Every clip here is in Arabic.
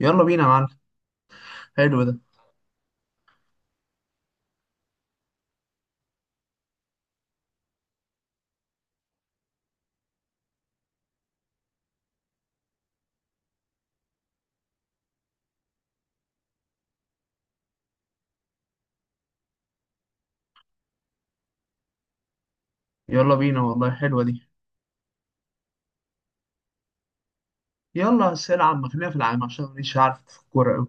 يلا بينا يا معلم. حلو ده. يلا بينا، والله حلوة دي. يلا بس العب مخلينا في العام عشان مانيش عارف في الكورة أوي.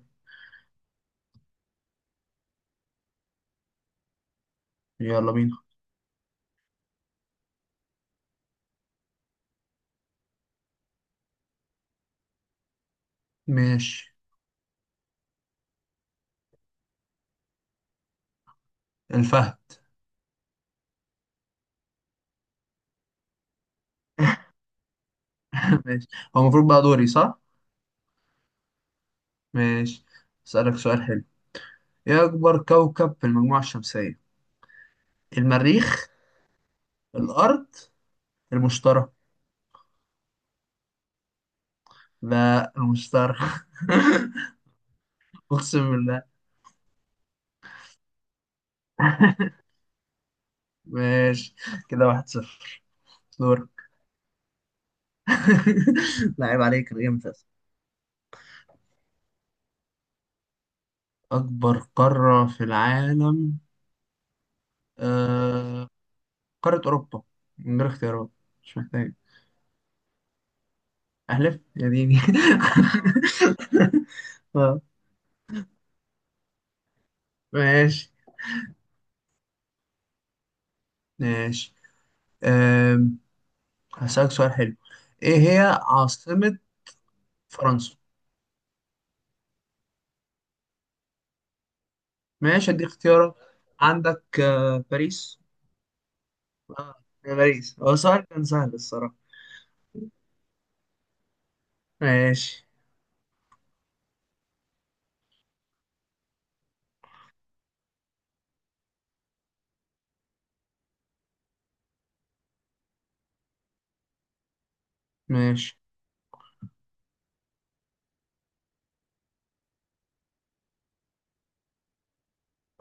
يلا بينا. ماشي. الفهد. ماشي. هو المفروض بقى دوري صح؟ ماشي. أسألك سؤال حلو. إيه أكبر كوكب في المجموعة الشمسية؟ المريخ؟ الأرض؟ المشتري؟ لا، المشتري. أقسم بالله. ماشي. كده واحد صفر. دور. لا عيب عليك، أنا جامد أصلاً. أكبر قارة في العالم. آه، قارة أوروبا. من غير اختيارات. مش محتاج. أحلف يا ديني. آه، ماشي. ماشي. أم، هسألك سؤال حلو. إيه هي عاصمة فرنسا؟ ماشي، أديك اختيارات. عندك باريس. آه، باريس. هو سؤال كان سهل الصراحة. ماشي. ماشي.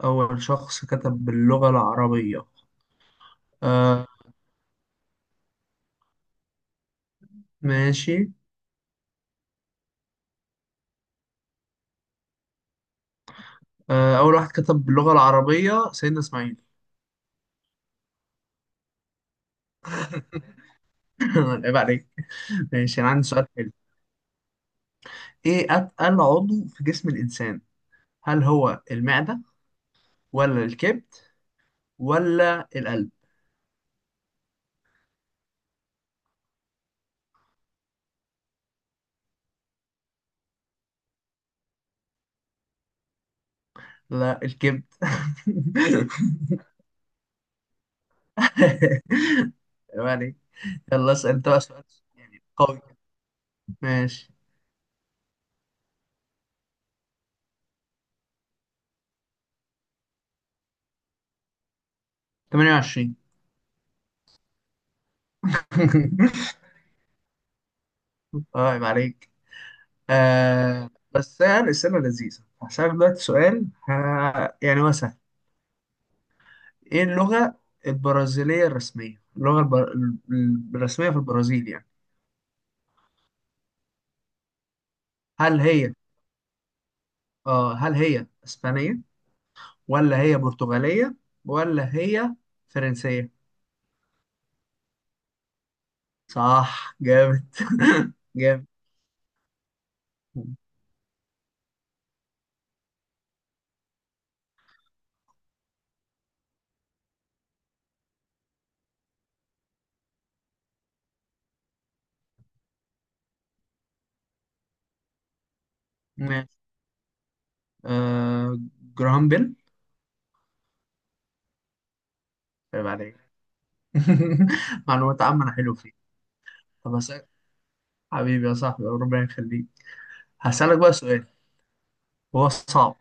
أول شخص كتب باللغة العربية. آه. ماشي. أول واحد كتب باللغة العربية سيدنا إسماعيل. عيب عليك. ماشي. أنا عندي سؤال حلو. ايه اتقل عضو في جسم الانسان؟ هل هو المعدة، ولا الكبد، ولا القلب؟ لا، الكبد. يعني. يلا اسأل انت بقى سؤال قوي. ماشي. 28. اه، عيب عليك. بس يعني السنة لذيذة. هسألك دلوقتي سؤال، ها، يعني هو سهل. ايه اللغة البرازيلية الرسمية، الرسمية في البرازيل يعني. هل هي هل هي اسبانية، ولا هي برتغالية، ولا هي فرنسية؟ صح، جامد. جامد. ماشي. آه جراهام بيل. طيب عليك. معلومات عامة أنا حلو فيه. طب هسألك، حبيبي يا صاحبي، ربنا يخليك. هسألك بقى سؤال هو صعب.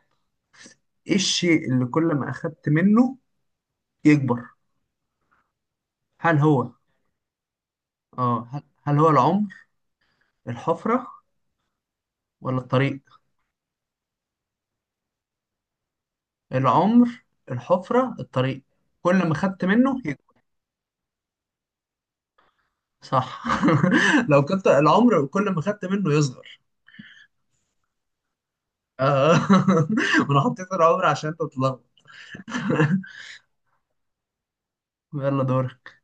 إيه الشيء اللي كل ما أخدت منه يكبر؟ هل هو هل هو العمر؟ الحفرة؟ ولا الطريق؟ العمر، الحفرة، الطريق، كل ما أخدت منه. صح. لو كنت العمر كل ما خدت منه يصغر. آه. انا حطيت العمر عشان تتلخبط. يلا دورك.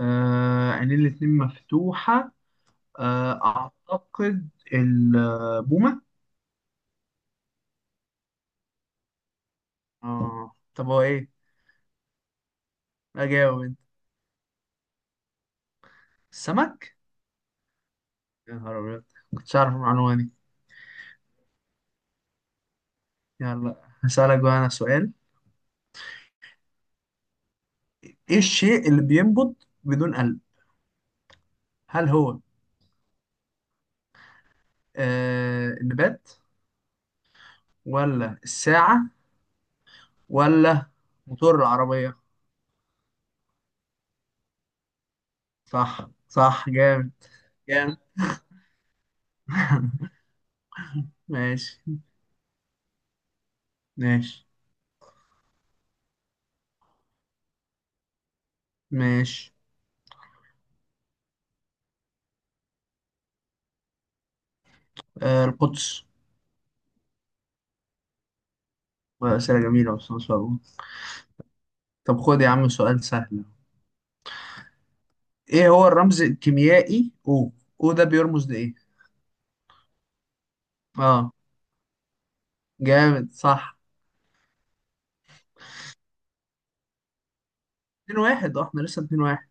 آه، عينين الاتنين مفتوحة. أعتقد البومة. طب هو إيه؟ أجاوب أنت. السمك؟ يا نهار أبيض، كنتش أعرف المعلومة دي. يلا هسألك بقى أنا سؤال. إيه الشيء اللي بينبض بدون قلب؟ هل هو النبات، ولا الساعة، ولا موتور العربية؟ صح، صح، جامد. جامد. ماشي، ماشي، ماشي. آه، القدس. أسئلة جميلة بس، ما شاء الله. طب خد يا عم سؤال سهل. ايه هو الرمز الكيميائي، او ده بيرمز لإيه؟ اه. جامد، صح. 2 1. اه، احنا لسه 2 1.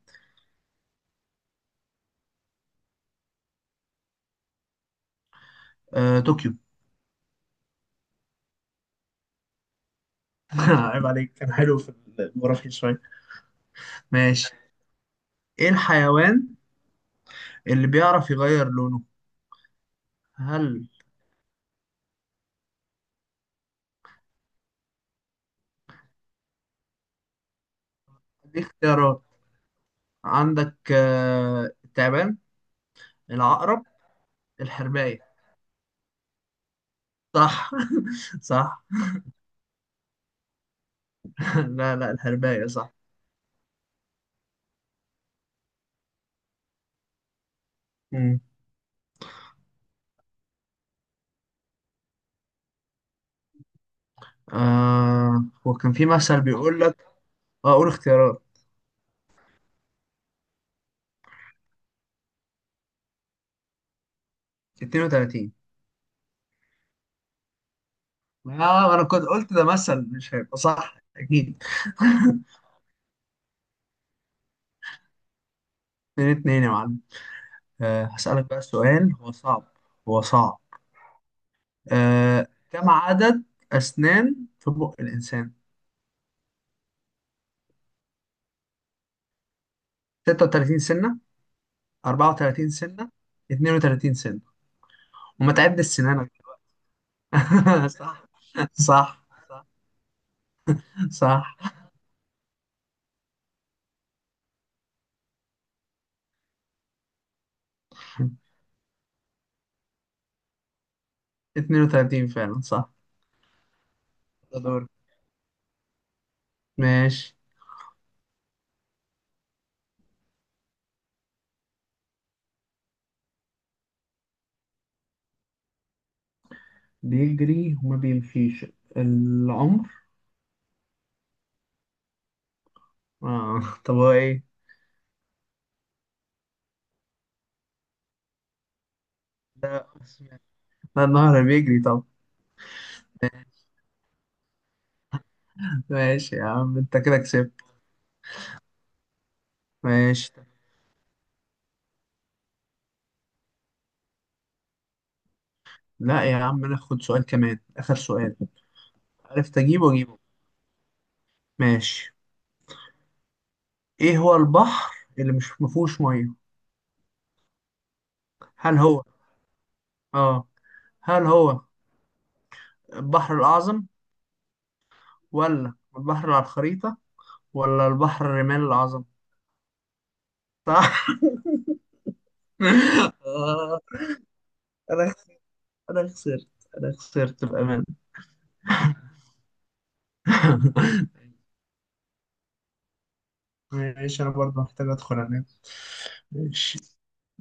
طوكيو. عيب عليك، كان حلو في الجغرافيا شوية. ماشي. ايه الحيوان اللي بيعرف يغير لونه؟ هل دي اختيارات. عندك التعبان، العقرب، الحرباية. صح. صح. لا، لا، الحرباية صح. مم. وكان في مثل بيقول لك. اه، قول اختيارات. 32. اه، انا كنت قلت ده مثل مش هيبقى صح اكيد. 2 2 يا معلم. هسألك بقى سؤال هو صعب. هو صعب. كم عدد أسنان في بق الإنسان؟ 36 سنة؟ 34 سنة؟ 32 سنة؟ وما تعدش سنانك. صح، صح، صح. 32 فعلا، صح. ده دور. ماشي. بيجري وما بيمشيش؟ العمر. آه. طب هو ايه؟ ده لا، النهر بيجري. طب، ماشي يا عم، انت كده كسبت. ماشي. لا يا عم، ناخد سؤال كمان، اخر سؤال. عرفت اجيبه اجيبه. ماشي. ايه هو البحر اللي مش مفهوش ميه؟ هل هو اه هل هو البحر الاعظم؟ ولا البحر اللي على الخريطة؟ ولا البحر الرمال الاعظم؟ صح. آه. انا انا خسرت. انا خسرت بأمان. ماشي، انا برضه محتاج ادخل انام. ماشي.